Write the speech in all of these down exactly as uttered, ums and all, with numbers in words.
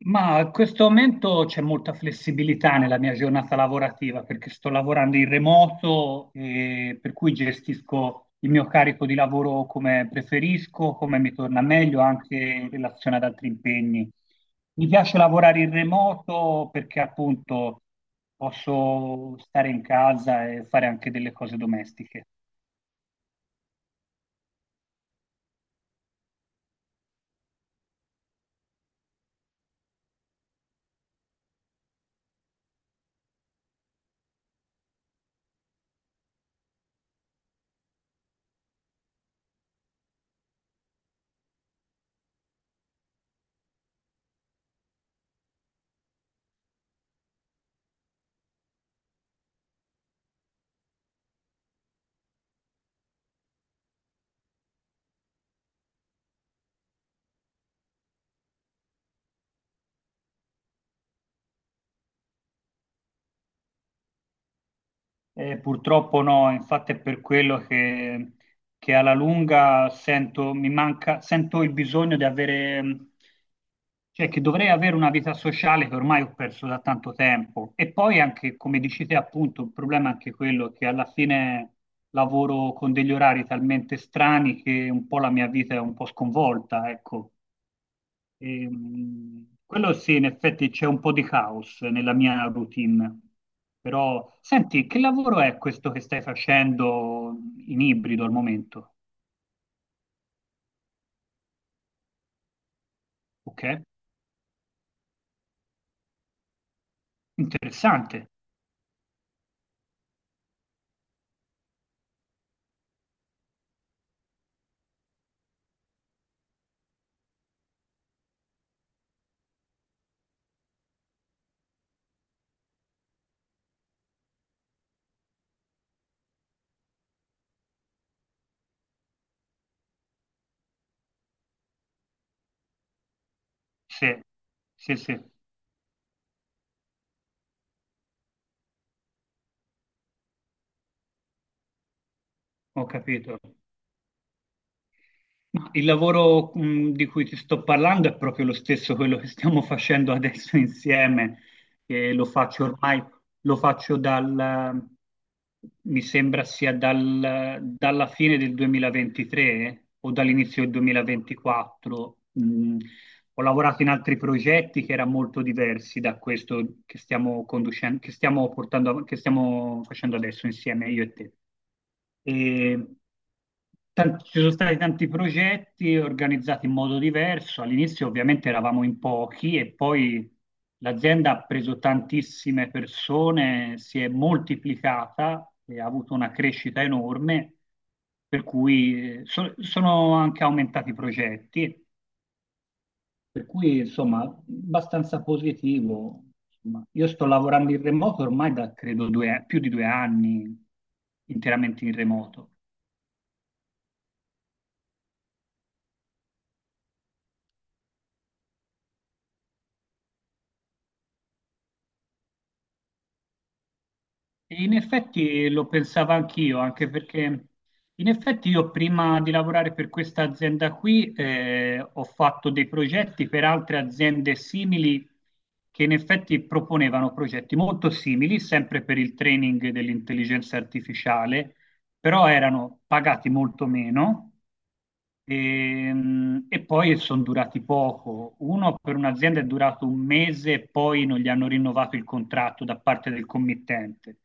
Ma a questo momento c'è molta flessibilità nella mia giornata lavorativa perché sto lavorando in remoto e per cui gestisco il mio carico di lavoro come preferisco, come mi torna meglio anche in relazione ad altri impegni. Mi piace lavorare in remoto perché appunto posso stare in casa e fare anche delle cose domestiche. Eh, purtroppo no, infatti è per quello che, che alla lunga sento, mi manca, sento il bisogno di avere, mh, cioè che dovrei avere una vita sociale che ormai ho perso da tanto tempo. E poi anche, come dici te, appunto, il problema è anche quello che alla fine lavoro con degli orari talmente strani che un po' la mia vita è un po' sconvolta, ecco. Ehm, quello sì, in effetti c'è un po' di caos nella mia routine, però senti, che lavoro è questo che stai facendo in ibrido al momento? Ok? Interessante. Sì, sì, sì, ho capito. Ma il lavoro, mh, di cui ti sto parlando è proprio lo stesso, quello che stiamo facendo adesso insieme, e lo faccio ormai, lo faccio dal, mi sembra sia dal- dalla fine del duemilaventitré o dall'inizio del duemilaventiquattro. Mh, ho lavorato in altri progetti che erano molto diversi da questo che stiamo conducendo, che stiamo portando, av- che stiamo facendo adesso insieme, io e te. E Tan- ci sono stati tanti progetti organizzati in modo diverso. All'inizio ovviamente eravamo in pochi e poi l'azienda ha preso tantissime persone, si è moltiplicata e ha avuto una crescita enorme, per cui eh, so- sono anche aumentati i progetti, per cui insomma abbastanza positivo. Insomma, io sto lavorando in remoto ormai da credo due- più di due anni interamente in remoto. E in effetti lo pensavo anch'io, anche perché in effetti io prima di lavorare per questa azienda qui eh, ho fatto dei progetti per altre aziende simili che in effetti proponevano progetti molto simili, sempre per il training dell'intelligenza artificiale, però erano pagati molto meno ehm, e, poi sono durati poco. Uno per un'azienda è durato un mese e poi non gli hanno rinnovato il contratto da parte del committente.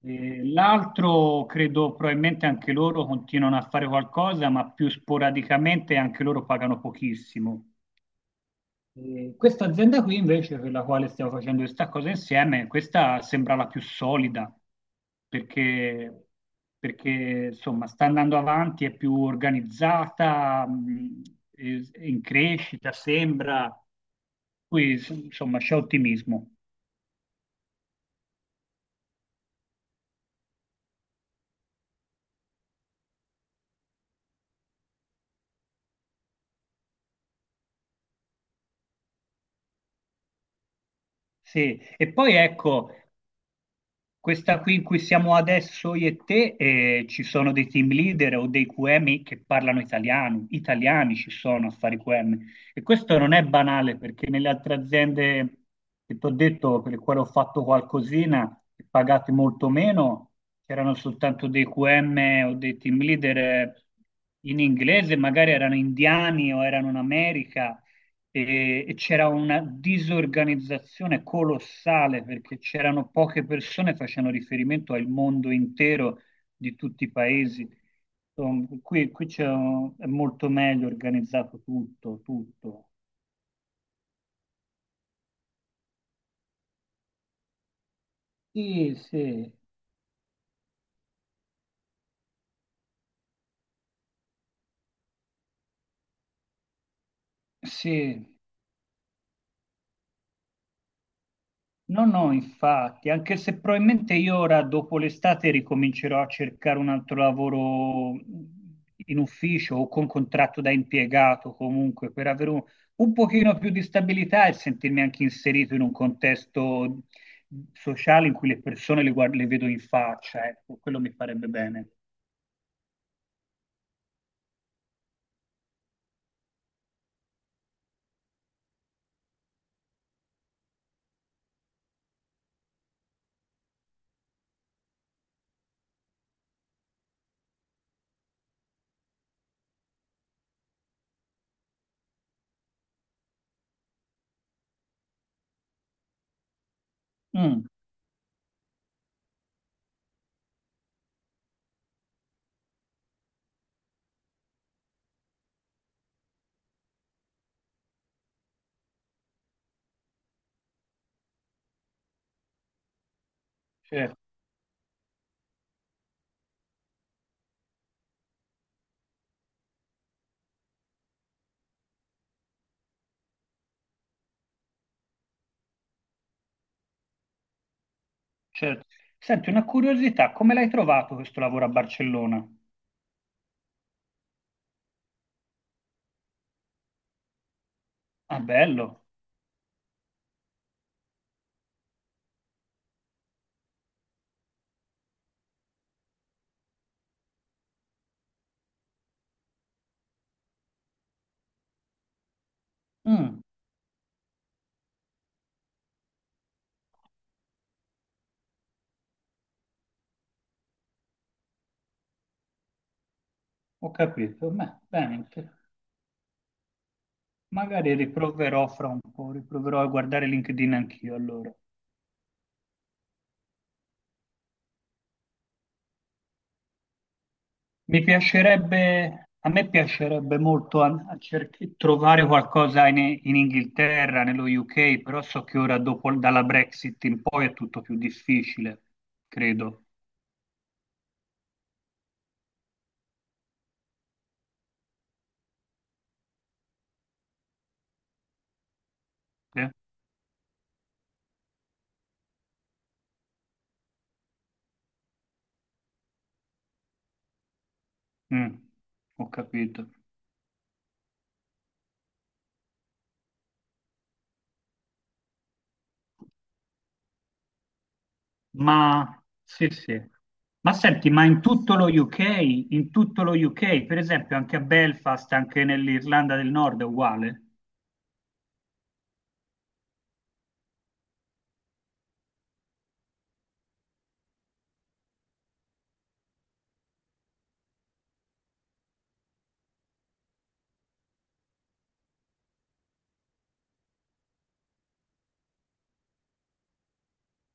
Eh, L'altro credo probabilmente anche loro continuano a fare qualcosa, ma più sporadicamente e anche loro pagano pochissimo. Eh, questa azienda qui invece, per la quale stiamo facendo questa cosa insieme, questa sembra la più solida perché, perché, insomma sta andando avanti, è più organizzata, mh, è- è in crescita sembra, qui s- insomma c'è ottimismo. Sì, e poi ecco. Questa qui in cui siamo adesso io e te, eh, ci sono dei team leader o dei Q M che parlano italiano, italiani ci sono a fare Q M e questo non è banale perché nelle altre aziende che ti ho detto, per le quali ho fatto qualcosina e pagati molto meno, c'erano soltanto dei Q M o dei team leader eh, in inglese, magari erano indiani o erano in America e, e c'era una disorganizzazione colossale perché c'erano poche persone, facendo riferimento al mondo intero di tutti i paesi. Insomma, qui, qui c'è un- è molto meglio organizzato tutto, tutto. Sì, sì, sì. No, no, infatti, anche se probabilmente io ora dopo l'estate ricomincerò a cercare un altro lavoro in ufficio o con contratto da impiegato comunque per avere un, un pochino più di stabilità e sentirmi anche inserito in un contesto sociale in cui le persone le, guard- le vedo in faccia, ecco, quello mi farebbe bene. Mm, certo, certo. Senti, una curiosità, come l'hai trovato questo lavoro a Barcellona? Ah, bello. Mm, ho capito, beh, bene. Magari riproverò fra un po', riproverò a guardare LinkedIn anch'io allora. Mi piacerebbe, a me piacerebbe molto an- a cerch- trovare qualcosa in, in Inghilterra, nello U K, però so che ora dopo, dalla Brexit in poi è tutto più difficile, credo. Eh? Mm, ho capito. Ma sì, sì. Ma senti, ma in tutto lo U K, in tutto lo U K, per esempio anche a Belfast, anche nell'Irlanda del Nord è uguale?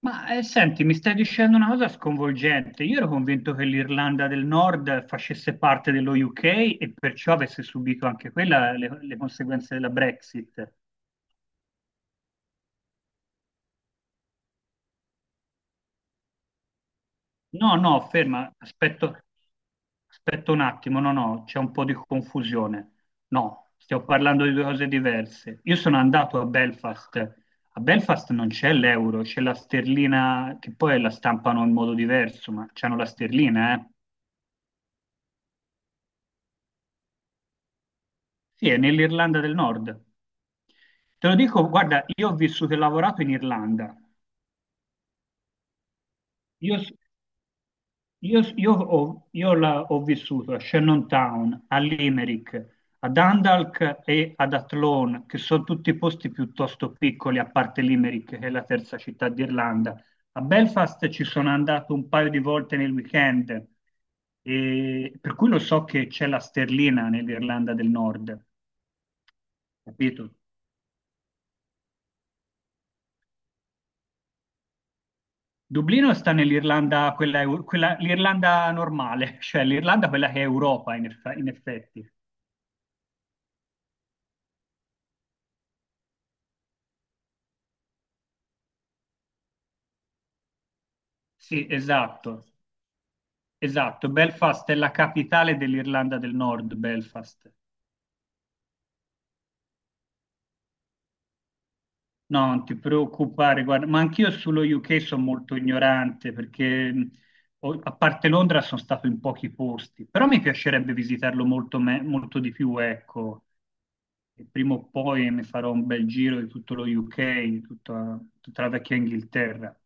Ma eh, senti, mi stai dicendo una cosa sconvolgente. Io ero convinto che l'Irlanda del Nord facesse parte dello U K e perciò avesse subito anche quella le, le conseguenze della Brexit. No, no, ferma, aspetto, aspetta un attimo, no, no, c'è un po' di confusione. No, stiamo parlando di due cose diverse. Io sono andato a Belfast. A Belfast non c'è l'euro, c'è la sterlina, che poi la stampano in modo diverso, ma c'hanno la sterlina, eh. Sì, è nell'Irlanda del Nord. Te lo dico, guarda, io ho vissuto e lavorato in Irlanda. Io, s- io s- io ho, io la- Ho vissuto a Shannontown, a Limerick, a Dundalk e ad Athlone, che sono tutti posti piuttosto piccoli, a parte Limerick, che è la terza città d'Irlanda. A Belfast ci sono andato un paio di volte nel weekend, e per cui lo so che c'è la sterlina nell'Irlanda del Nord, capito? Dublino sta nell'Irlanda, quella, eu- quella- l'Irlanda normale, cioè l'Irlanda quella che è Europa in, eff- in effetti. Sì, esatto, esatto. Belfast è la capitale dell'Irlanda del Nord, Belfast. No, non ti preoccupare, guarda, ma anch'io sullo U K sono molto ignorante perché mh, ho- a parte Londra sono stato in pochi posti, però mi piacerebbe visitarlo molto, me- molto di più, ecco. E prima o poi mi farò un bel giro di tutto lo U K, di tutta tutta la vecchia Inghilterra.